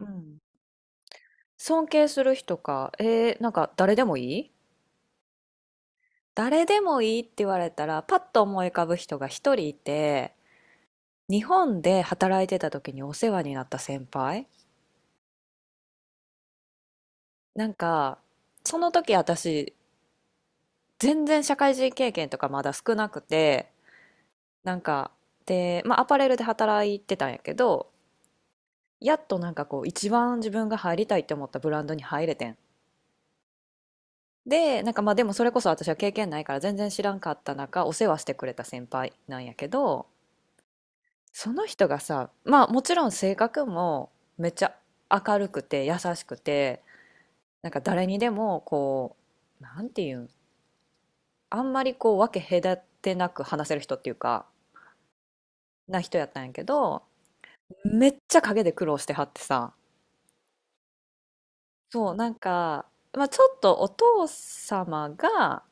うん、尊敬する人か。なんか誰でもいいって言われたら、パッと思い浮かぶ人が一人いて、日本で働いてた時にお世話になった先輩。なんか、その時私、全然社会人経験とかまだ少なくて、なんか、で、まあアパレルで働いてたんやけど、やっとなんかこう、一番自分が入りたいって思ったブランドに入れてん。で、なんかまあでもそれこそ私は経験ないから全然知らんかった中、お世話してくれた先輩なんやけど、その人がさ、まあもちろん性格もめっちゃ明るくて優しくて、なんか誰にでもこう、なんていうん、あんまりこう分け隔てなく話せる人っていうか、な人やったんやけど、めっちゃ陰で苦労してはってさ。そう、なんか、まあちょっとお父様が、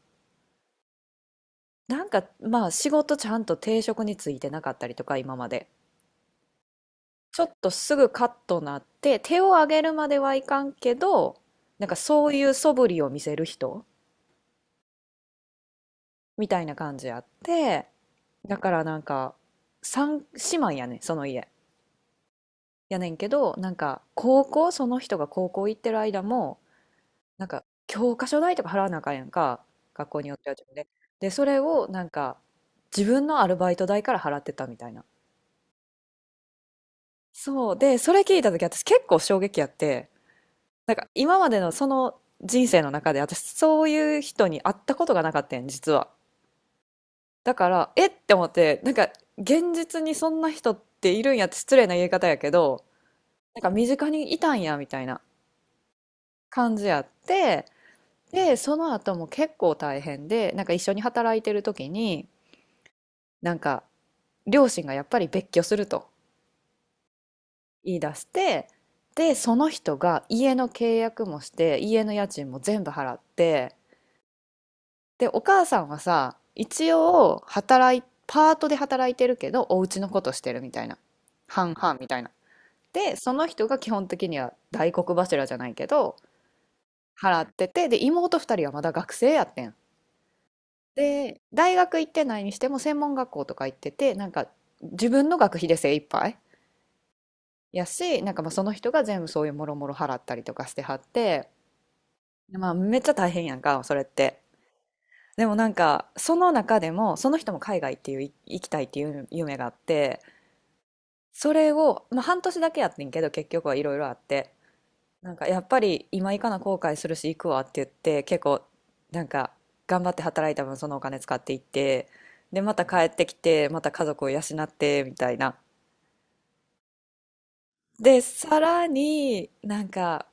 なんかまあ仕事ちゃんと定職についてなかったりとか今まで。ちょっとすぐカッとなって、手を上げるまではいかんけど、なんかそういう素振りを見せる人みたいな感じあって、だからなんか、三姉妹やね、その家。やねんけど、なんか、その人が高校行ってる間も、なんか、教科書代とか払わなあかんやんか、学校によっては自分で。で、それをなんか、自分のアルバイト代から払ってたみたいな。そう。で、それ聞いた時私結構衝撃やって、なんか今までのその人生の中で私そういう人に会ったことがなかったん実は。だからえって思って、なんか現実にそんな人っているんやって、失礼な言い方やけど、なんか身近にいたんやみたいな感じやって。で、その後も結構大変で、なんか一緒に働いてる時に、なんか両親がやっぱり別居すると言い出して、で、その人が家の契約もして家の家賃も全部払って、で、お母さんはさ、一応働い、パートで働いてるけど、お家のことしてるみたいな。半々みたいな。で、その人が基本的には大黒柱じゃないけど、払ってて、で、妹二人はまだ学生やってん。で、大学行ってないにしても専門学校とか行ってて、なんか自分の学費で精一杯やし、なんかまあその人が全部そういうもろもろ払ったりとかしてはって、まあめっちゃ大変やんか、それって。でもなんかその中でもその人も海外っていう行きたいっていう夢があって、それを、まあ、半年だけやってんけど、結局はいろいろあって、なんかやっぱり今行かな後悔するし行くわって言って、結構なんか頑張って働いた分そのお金使っていって、で、また帰ってきてまた家族を養ってみたいな。でさらになんか、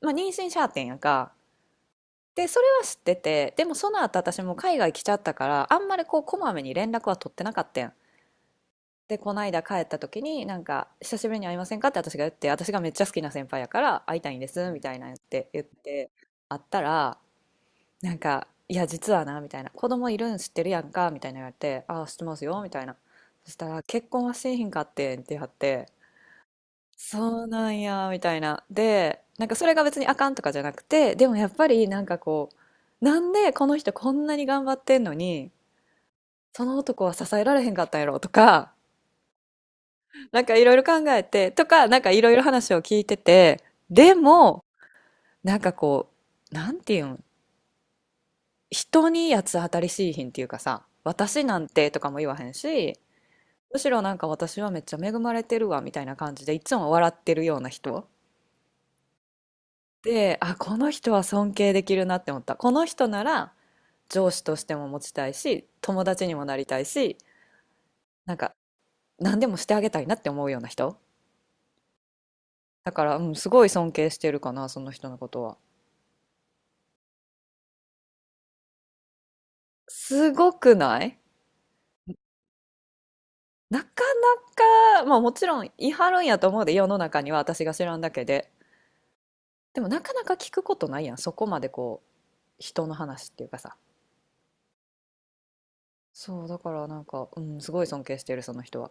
まあ、妊娠しはってんやんか。でそれは知ってて、でもその後私も海外来ちゃったから、あんまりこうこまめに連絡は取ってなかったん。で、この間帰った時に、なんか、久しぶりに会いませんかって私が言って、私がめっちゃ好きな先輩やから会いたいんです、みたいな言って、会ったら、なんか、いや、実はな、みたいな、子供いるん知ってるやんか、みたいな言われて、ああ、知ってますよ、みたいな。そしたら、結婚はしえへんかってんって言われて、そうなんや、みたいな。で、なんかそれが別にあかんとかじゃなくて、でもやっぱりなんかこう、なんでこの人こんなに頑張ってんのに、その男は支えられへんかったんやろとか、なんかいろいろ考えて、とか、なんかいろいろ話を聞いてて、でも、なんかこう、なんていうん、人に八つ当たりしいひんっていうかさ、私なんてとかも言わへんし、むしろなんか私はめっちゃ恵まれてるわみたいな感じで、いつも笑ってるような人。で、あ、この人は尊敬できるなって思った。この人なら上司としても持ちたいし、友達にもなりたいし、なんか何でもしてあげたいなって思うような人。だから、うん、すごい尊敬してるかな、その人のことは。すごくない？なかなか、まあもちろん言い張るんやと思うで、世の中には私が知らんだけで。でもなかなか聞くことないやん、そこまでこう、人の話っていうかさ。そう、だからなんか、うん、すごい尊敬してる、その人は。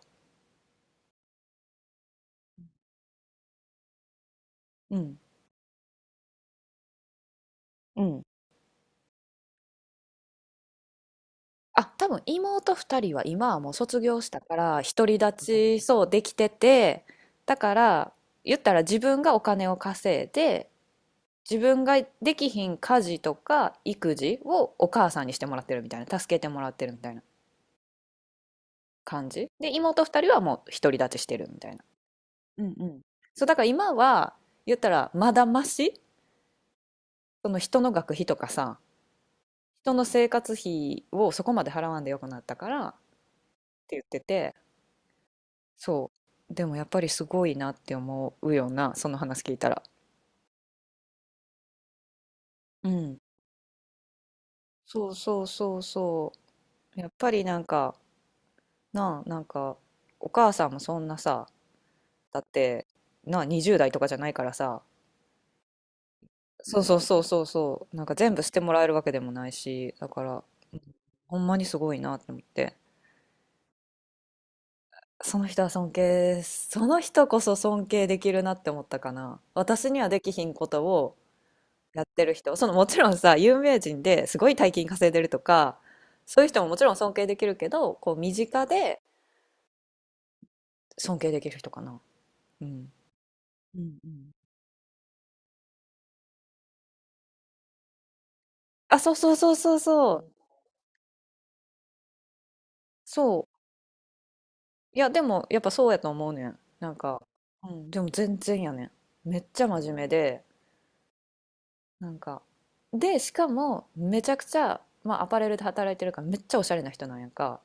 うん、うん。あ、多分妹二人は今はもう卒業したから、独り立ち、そう、できてて、だから、言ったら自分がお金を稼いで、自分ができひん家事とか育児をお母さんにしてもらってるみたいな、助けてもらってるみたいな。感じで妹2人はもう独り立ちしてるみたいな。うんうん。そうだから今は言ったらまだマシ、その人の学費とかさ、人の生活費をそこまで払わんでよくなったからって言ってて。そうでもやっぱりすごいなって思うようなその話聞いたら。うん。そうそうそうそう、やっぱりなんかなあ、なんかお母さんもそんなさ、だってなあ20代とかじゃないからさ、そうそうそうそうそう。なんか全部してもらえるわけでもないし、だから、ほんまにすごいなって思って。その人は尊敬、その人こそ尊敬できるなって思ったかな。私にはできひんことをやってる人、そのもちろんさ、有名人ですごい大金稼いでるとか、そういう人ももちろん尊敬できるけど、こう身近で尊敬できる人かな。うん。うんうん。あ、そうそうそうそうそう。そう。いや、でも、やっぱそうやと思うねん。なんか、うん、でも全然やねん。めっちゃ真面目で、なんか、で、しかも、めちゃくちゃ、まあ、アパレルで働いてるから、めっちゃおしゃれな人なんやんか。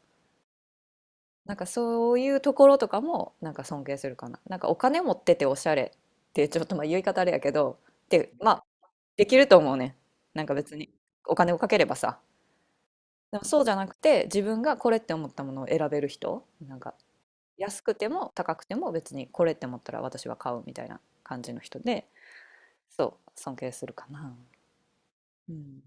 なんか、そういうところとかも、なんか尊敬するかな。なんか、お金持ってておしゃれって、ちょっとまあ、言い方あれやけど、で、まあ、できると思うねん。なんか別に、お金をかければさ。でもそうじゃなくて、自分がこれって思ったものを選べる人、なんか、安くても高くても別にこれって思ったら私は買うみたいな感じの人で、そう、尊敬するかな。うん。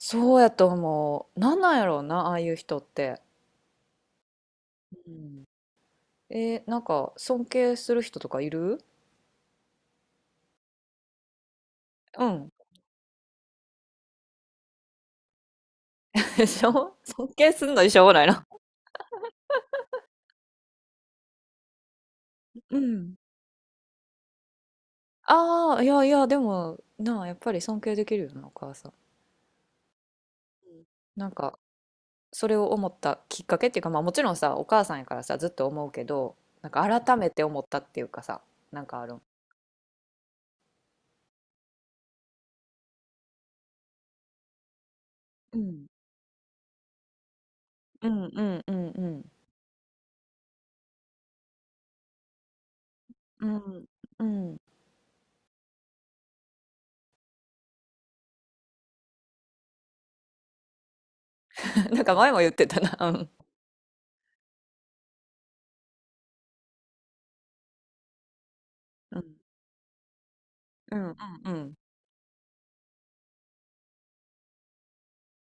そうやと思う。なんなんやろうな、ああいう人って。うん。なんか尊敬する人とかいるうん。でしょ尊敬すんのにしょうがないな。うん。ああ、いやいや、でも、なあ、やっぱり尊敬できるよな、お母さん。なんか、それを思ったきっかけっていうか、まあもちろんさ、お母さんやからさ、ずっと思うけど、なんか改めて思ったっていうかさ、なんかある。うんうんうんうん。うん。うん なんか前も言ってたな。うん。うん。うんうんうん。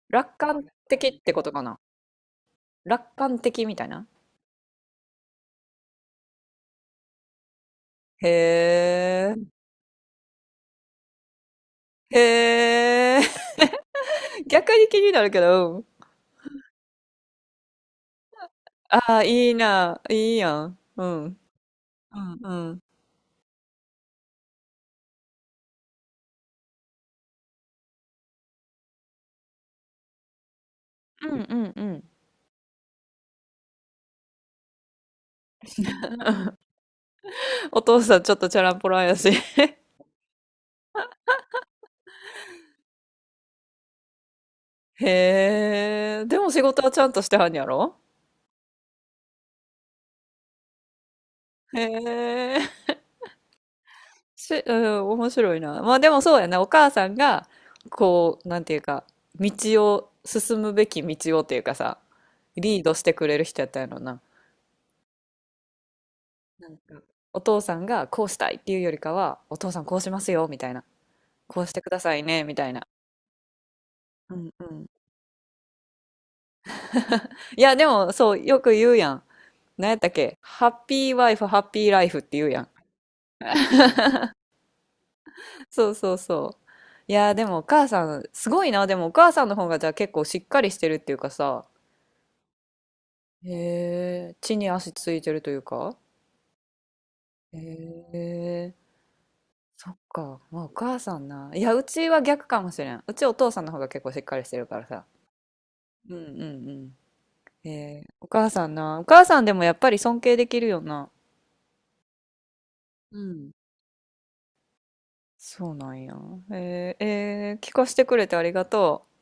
楽観的ってことかな。楽観的みたいな。へえ。へえ。逆に気になるけど、うん。ああ、いいな。いいやん。うん。うんうん。うんうんうん。お父さんちょっとチャランポランやし。へえ。でも仕事はちゃんとしてはんやろ？へえ。し、うん、面白いな。まあでもそうやな。お母さんが、こう、なんていうか、道進むべき道をっていうかさ、リードしてくれる人やったんやろな。なんか、お父さんがこうしたいっていうよりかは、お父さんこうしますよ、みたいな。こうしてくださいね、みたいな。うんうん。いや、でも、そう、よく言うやん。何やったっけハッピーワイフ、ハッピーライフって言うやん。そうそうそう。いやー、でもお母さん、すごいな。でもお母さんの方がじゃあ結構しっかりしてるっていうかさ、へえ、地に足ついてるというか。へえ、そっか。まあ、お母さんな。いや、うちは逆かもしれん。うちお父さんの方が結構しっかりしてるからさ。うんうんうん。お母さんな。お母さんでもやっぱり尊敬できるよな。うん。そうなんや。聞かせてくれてありがとう。